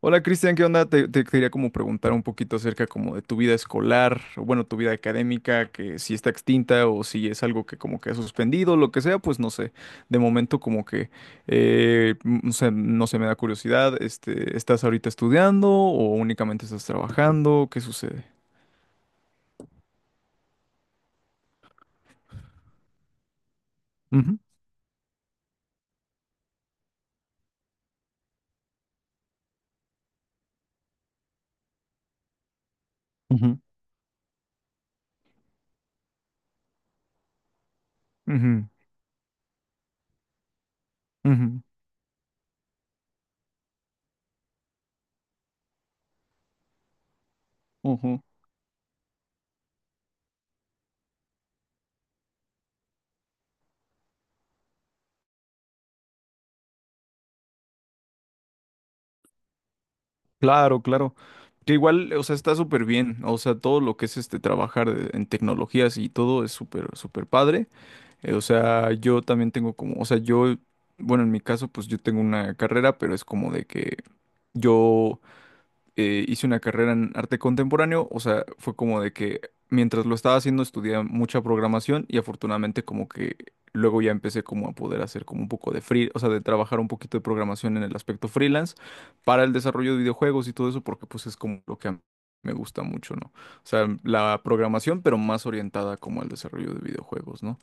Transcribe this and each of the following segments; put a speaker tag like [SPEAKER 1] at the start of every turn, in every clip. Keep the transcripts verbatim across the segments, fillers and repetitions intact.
[SPEAKER 1] Hola Cristian, ¿qué onda? Te, te quería como preguntar un poquito acerca como de tu vida escolar, o bueno, tu vida académica, que si está extinta o si es algo que como que ha suspendido, lo que sea, pues no sé. De momento como que, eh, m- no sé, no sé, me da curiosidad, este, ¿estás ahorita estudiando o únicamente estás trabajando? ¿Qué sucede? Ujú, ujú, ujú, ujú, ujú. Claro, claro. Que igual, o sea, está súper bien. O sea, todo lo que es este trabajar de- en tecnologías y todo es súper, súper padre. Eh, O sea, yo también tengo como, o sea, yo, bueno, en mi caso, pues yo tengo una carrera, pero es como de que yo eh, hice una carrera en arte contemporáneo, o sea, fue como de que mientras lo estaba haciendo estudié mucha programación y afortunadamente como que luego ya empecé como a poder hacer como un poco de free, o sea, de trabajar un poquito de programación en el aspecto freelance para el desarrollo de videojuegos y todo eso, porque pues es como lo que a mí me gusta mucho, ¿no? O sea, la programación, pero más orientada como al desarrollo de videojuegos, ¿no?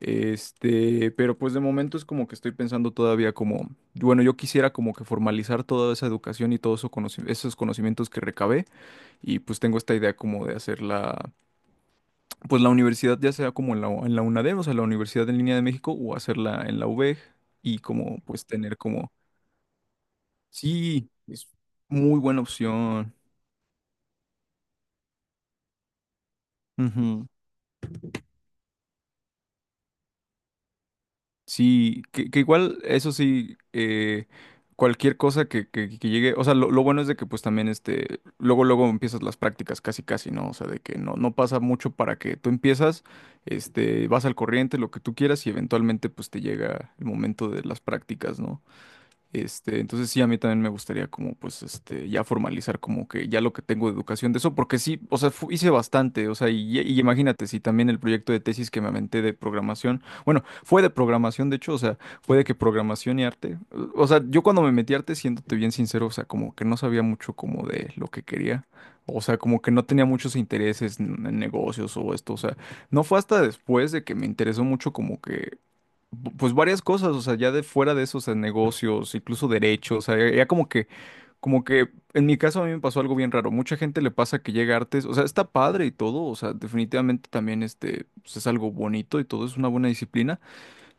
[SPEAKER 1] Este, pero pues de momento es como que estoy pensando todavía como, bueno, yo quisiera como que formalizar toda esa educación y todos eso conoci- esos conocimientos que recabé y pues tengo esta idea como de hacer la, pues la universidad ya sea como en la, en la UNADEM, o sea, la Universidad en Línea de México o hacerla en la U V E G y como pues tener como, sí, es muy buena opción. Sí, que, que igual, eso sí, eh, cualquier cosa que, que- que llegue, o sea, lo, lo bueno es de que pues también este, luego, luego empiezas las prácticas casi, casi, ¿no? O sea, de que no, no pasa mucho para que tú empiezas, este, vas al corriente, lo que tú quieras y eventualmente pues te llega el momento de las prácticas, ¿no? Este, entonces sí, a mí también me gustaría como pues este ya formalizar como que ya lo que tengo de educación de eso, porque sí, o sea, fu- hice bastante, o sea, y, y imagínate si también el proyecto de tesis que me aventé de programación, bueno, fue de programación de hecho, o sea, fue de que programación y arte, o sea, yo cuando me metí a arte, siéndote bien sincero, o sea, como que no sabía mucho como de lo que quería, o sea, como que no tenía muchos intereses en en negocios o esto, o sea, no fue hasta después de que me interesó mucho como que bu- pues varias cosas, o sea, ya de fuera de esos negocios, incluso derechos, o sea, ya ya como que, como que, en mi caso a mí me pasó algo bien raro. Mucha gente le pasa que llega a artes, o sea, está padre y todo, o sea, definitivamente también este, pues, es algo bonito y todo, es una buena disciplina,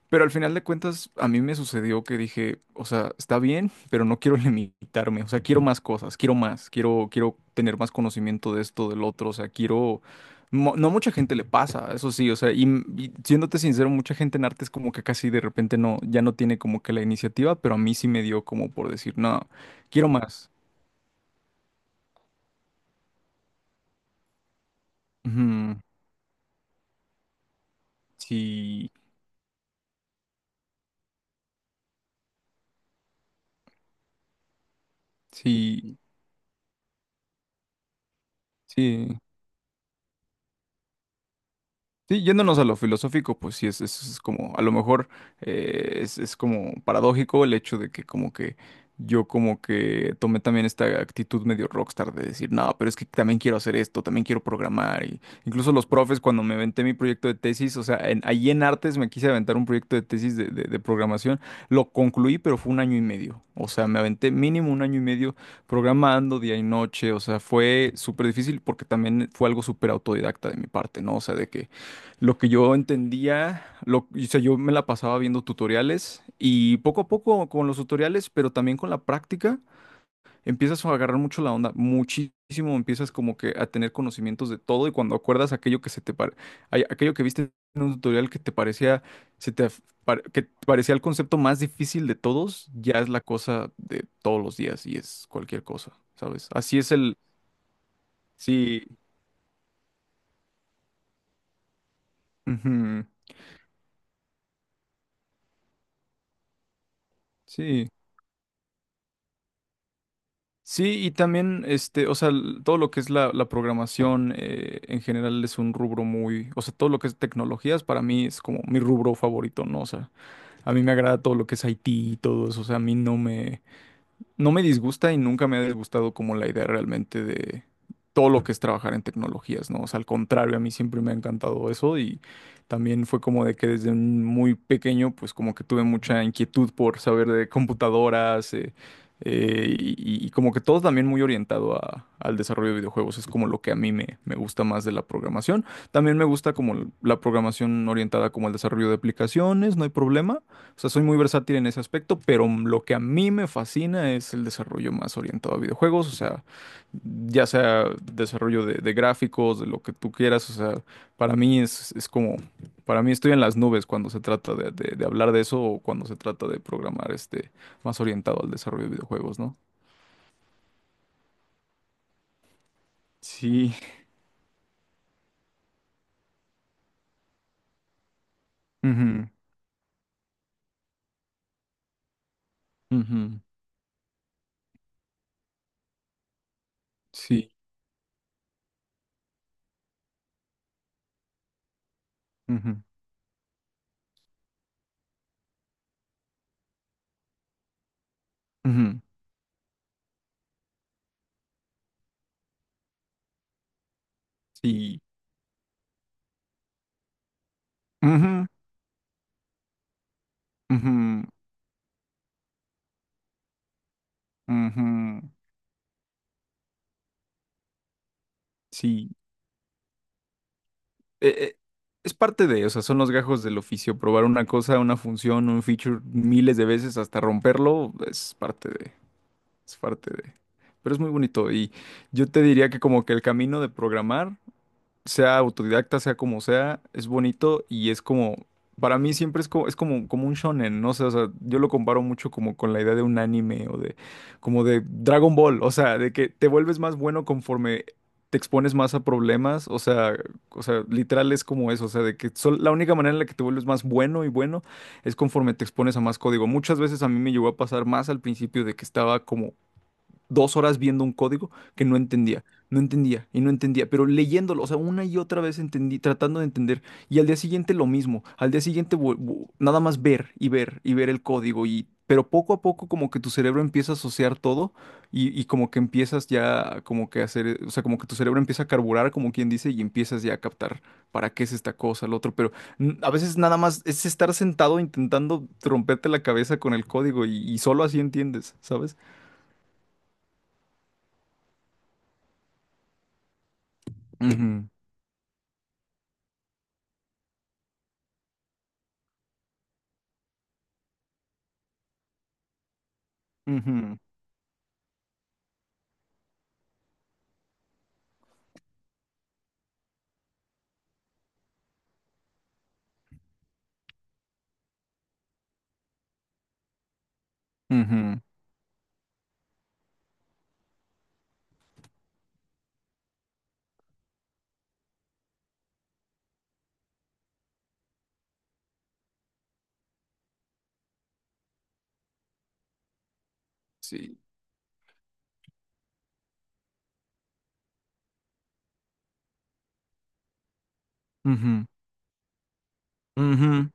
[SPEAKER 1] pero al final de cuentas, a mí me sucedió que dije, o sea, está bien, pero no quiero limitarme, o sea, quiero más cosas, quiero más, quiero, quiero tener más conocimiento de esto, del otro, o sea, quiero... mo- No mucha gente le pasa, eso sí, o sea, y, m- y siéndote sincero, mucha gente en arte es como que casi de repente no, ya no tiene como que la iniciativa, pero a mí sí me dio como por decir, no, quiero más. Ujú, sí, sí, sí. Sí, yéndonos a lo filosófico, pues sí, es, es, es como, a lo mejor eh, es, es como paradójico el hecho de que como que yo como que tomé también esta actitud medio rockstar de decir, no, pero es que también quiero hacer esto, también quiero programar. Y incluso los profes cuando me aventé mi proyecto de tesis, o sea, en, ahí en artes me quise aventar un proyecto de tesis de, de de programación, lo concluí, pero fue un año y medio. O sea, me aventé mínimo un año y medio programando día y noche, o sea, fue súper difícil porque también fue algo súper autodidacta de mi parte, ¿no? O sea, de que lo que yo entendía, lo, o sea, yo me la pasaba viendo tutoriales y poco a poco con los tutoriales, pero también con la práctica, empiezas a agarrar mucho la onda, muchísimo, empiezas como que a tener conocimientos de todo y cuando acuerdas aquello que se te pare- ay- aquello que viste en un tutorial que te parecía, se te af- pare- que te parecía el concepto más difícil de todos, ya es la cosa de todos los días y es cualquier cosa, ¿sabes? Así es el, sí, ujú, sí. Sí, y también, este, o sea, l- todo lo que es la, la programación eh, en general es un rubro muy, o sea, todo lo que es tecnologías para mí es como mi rubro favorito, ¿no? O sea, a mí me agrada todo lo que es I T y todo eso, o sea, a mí no me, no me disgusta y nunca me ha disgustado como la idea realmente de todo lo que es trabajar en tecnologías, ¿no? O sea, al contrario, a mí siempre me ha encantado eso y también fue como de que desde un muy pequeño, pues como que tuve mucha inquietud por saber de computadoras eh, eh, y, y como que todo también muy orientado a- al desarrollo de videojuegos, es como lo que a mí me, me gusta más de la programación. También me gusta como la programación orientada como al desarrollo de aplicaciones, no hay problema. O sea, soy muy versátil en ese aspecto, pero lo que a mí me fascina es el desarrollo más orientado a videojuegos, o sea, ya sea desarrollo de, de gráficos, de lo que tú quieras, o sea, para mí es, es como, para mí estoy en las nubes cuando se trata de, de- de hablar de eso o cuando se trata de programar este más orientado al desarrollo de videojuegos, ¿no? Sí. Ujú, ujú, sí, ujú, ujú, sí, ujú, ujú, ujú, sí. eh, eh, es parte de, o sea, son los gajos del oficio. Probar una cosa, una función, un feature miles de veces hasta romperlo, es parte de, es parte de. Pero es muy bonito y yo te diría que como que el camino de programar sea autodidacta, sea como sea, es bonito y es como, para mí siempre es como, es como, como un shonen, ¿no? sé, o sea, yo lo comparo mucho como con la idea de un anime o de, como de Dragon Ball, o sea, de que te vuelves más bueno conforme te expones más a problemas, o sea, o sea, literal es como eso, o sea, de que sol- la única manera en la que te vuelves más bueno y bueno es conforme te expones a más código. Muchas veces a mí me llegó a pasar más al principio de que estaba como dos horas viendo un código que no entendía, no entendía y no entendía, pero leyéndolo, o sea, una y otra vez entendí, tratando de entender, y al día siguiente lo mismo, al día siguiente vu- vu- nada más ver y ver y ver el código y pero poco a poco como que tu cerebro empieza a asociar todo y, y como que empiezas ya como que a hacer, o sea, como que tu cerebro empieza a carburar, como quien dice, y empiezas ya a captar para qué es esta cosa, lo otro, pero n- a veces nada más es estar sentado intentando romperte la cabeza con el código y, y solo así entiendes, ¿sabes? Ujú, ujú, sí. Ujú, ujú,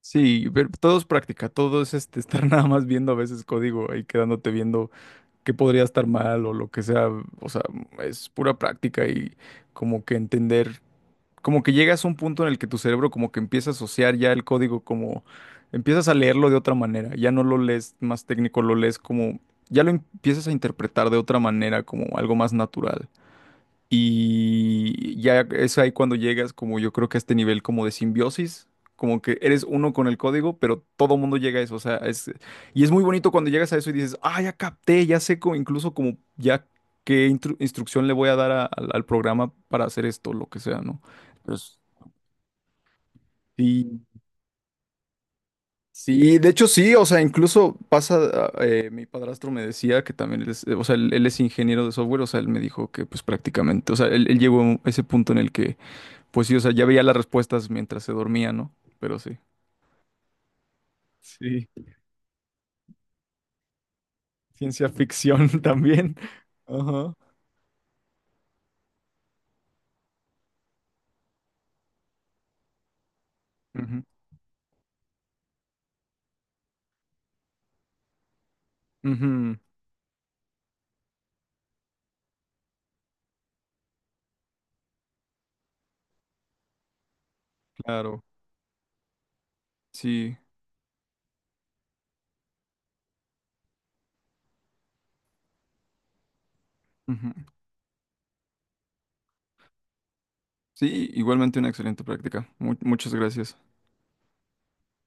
[SPEAKER 1] sí, pero todo es práctica, todo es este, estar nada más viendo a veces código y quedándote viendo qué podría estar mal o lo que sea. O sea, es pura práctica y como que entender, como que llegas a un punto en el que tu cerebro como que empieza a asociar ya el código como empiezas a leerlo de otra manera, ya no lo lees más técnico, lo lees como, ya lo empiezas a interpretar de otra manera, como algo más natural. Y ya es ahí cuando llegas como yo creo que a este nivel como de simbiosis, como que eres uno con el código, pero todo mundo llega a eso, o sea, es, y es muy bonito cuando llegas a eso y dices, ah, ya capté, ya sé co- incluso como ya qué intru- instrucción le voy a dar a- al, al programa para hacer esto, lo que sea, ¿no? Pues, sí, sí, de hecho sí, o sea, incluso pasa, ah, eh, mi padrastro me decía que también, él es, o sea, él, él es ingeniero de software, o sea, él me dijo que pues prácticamente, o sea, él, él llegó a ese punto en el que pues sí, o sea, ya veía las respuestas mientras se dormía, ¿no? Pero sí. Sí, ciencia ficción también. Ajá. Ujú, ujú, claro, sí, ujú. Sí, igualmente una excelente práctica. Mu- muchas gracias.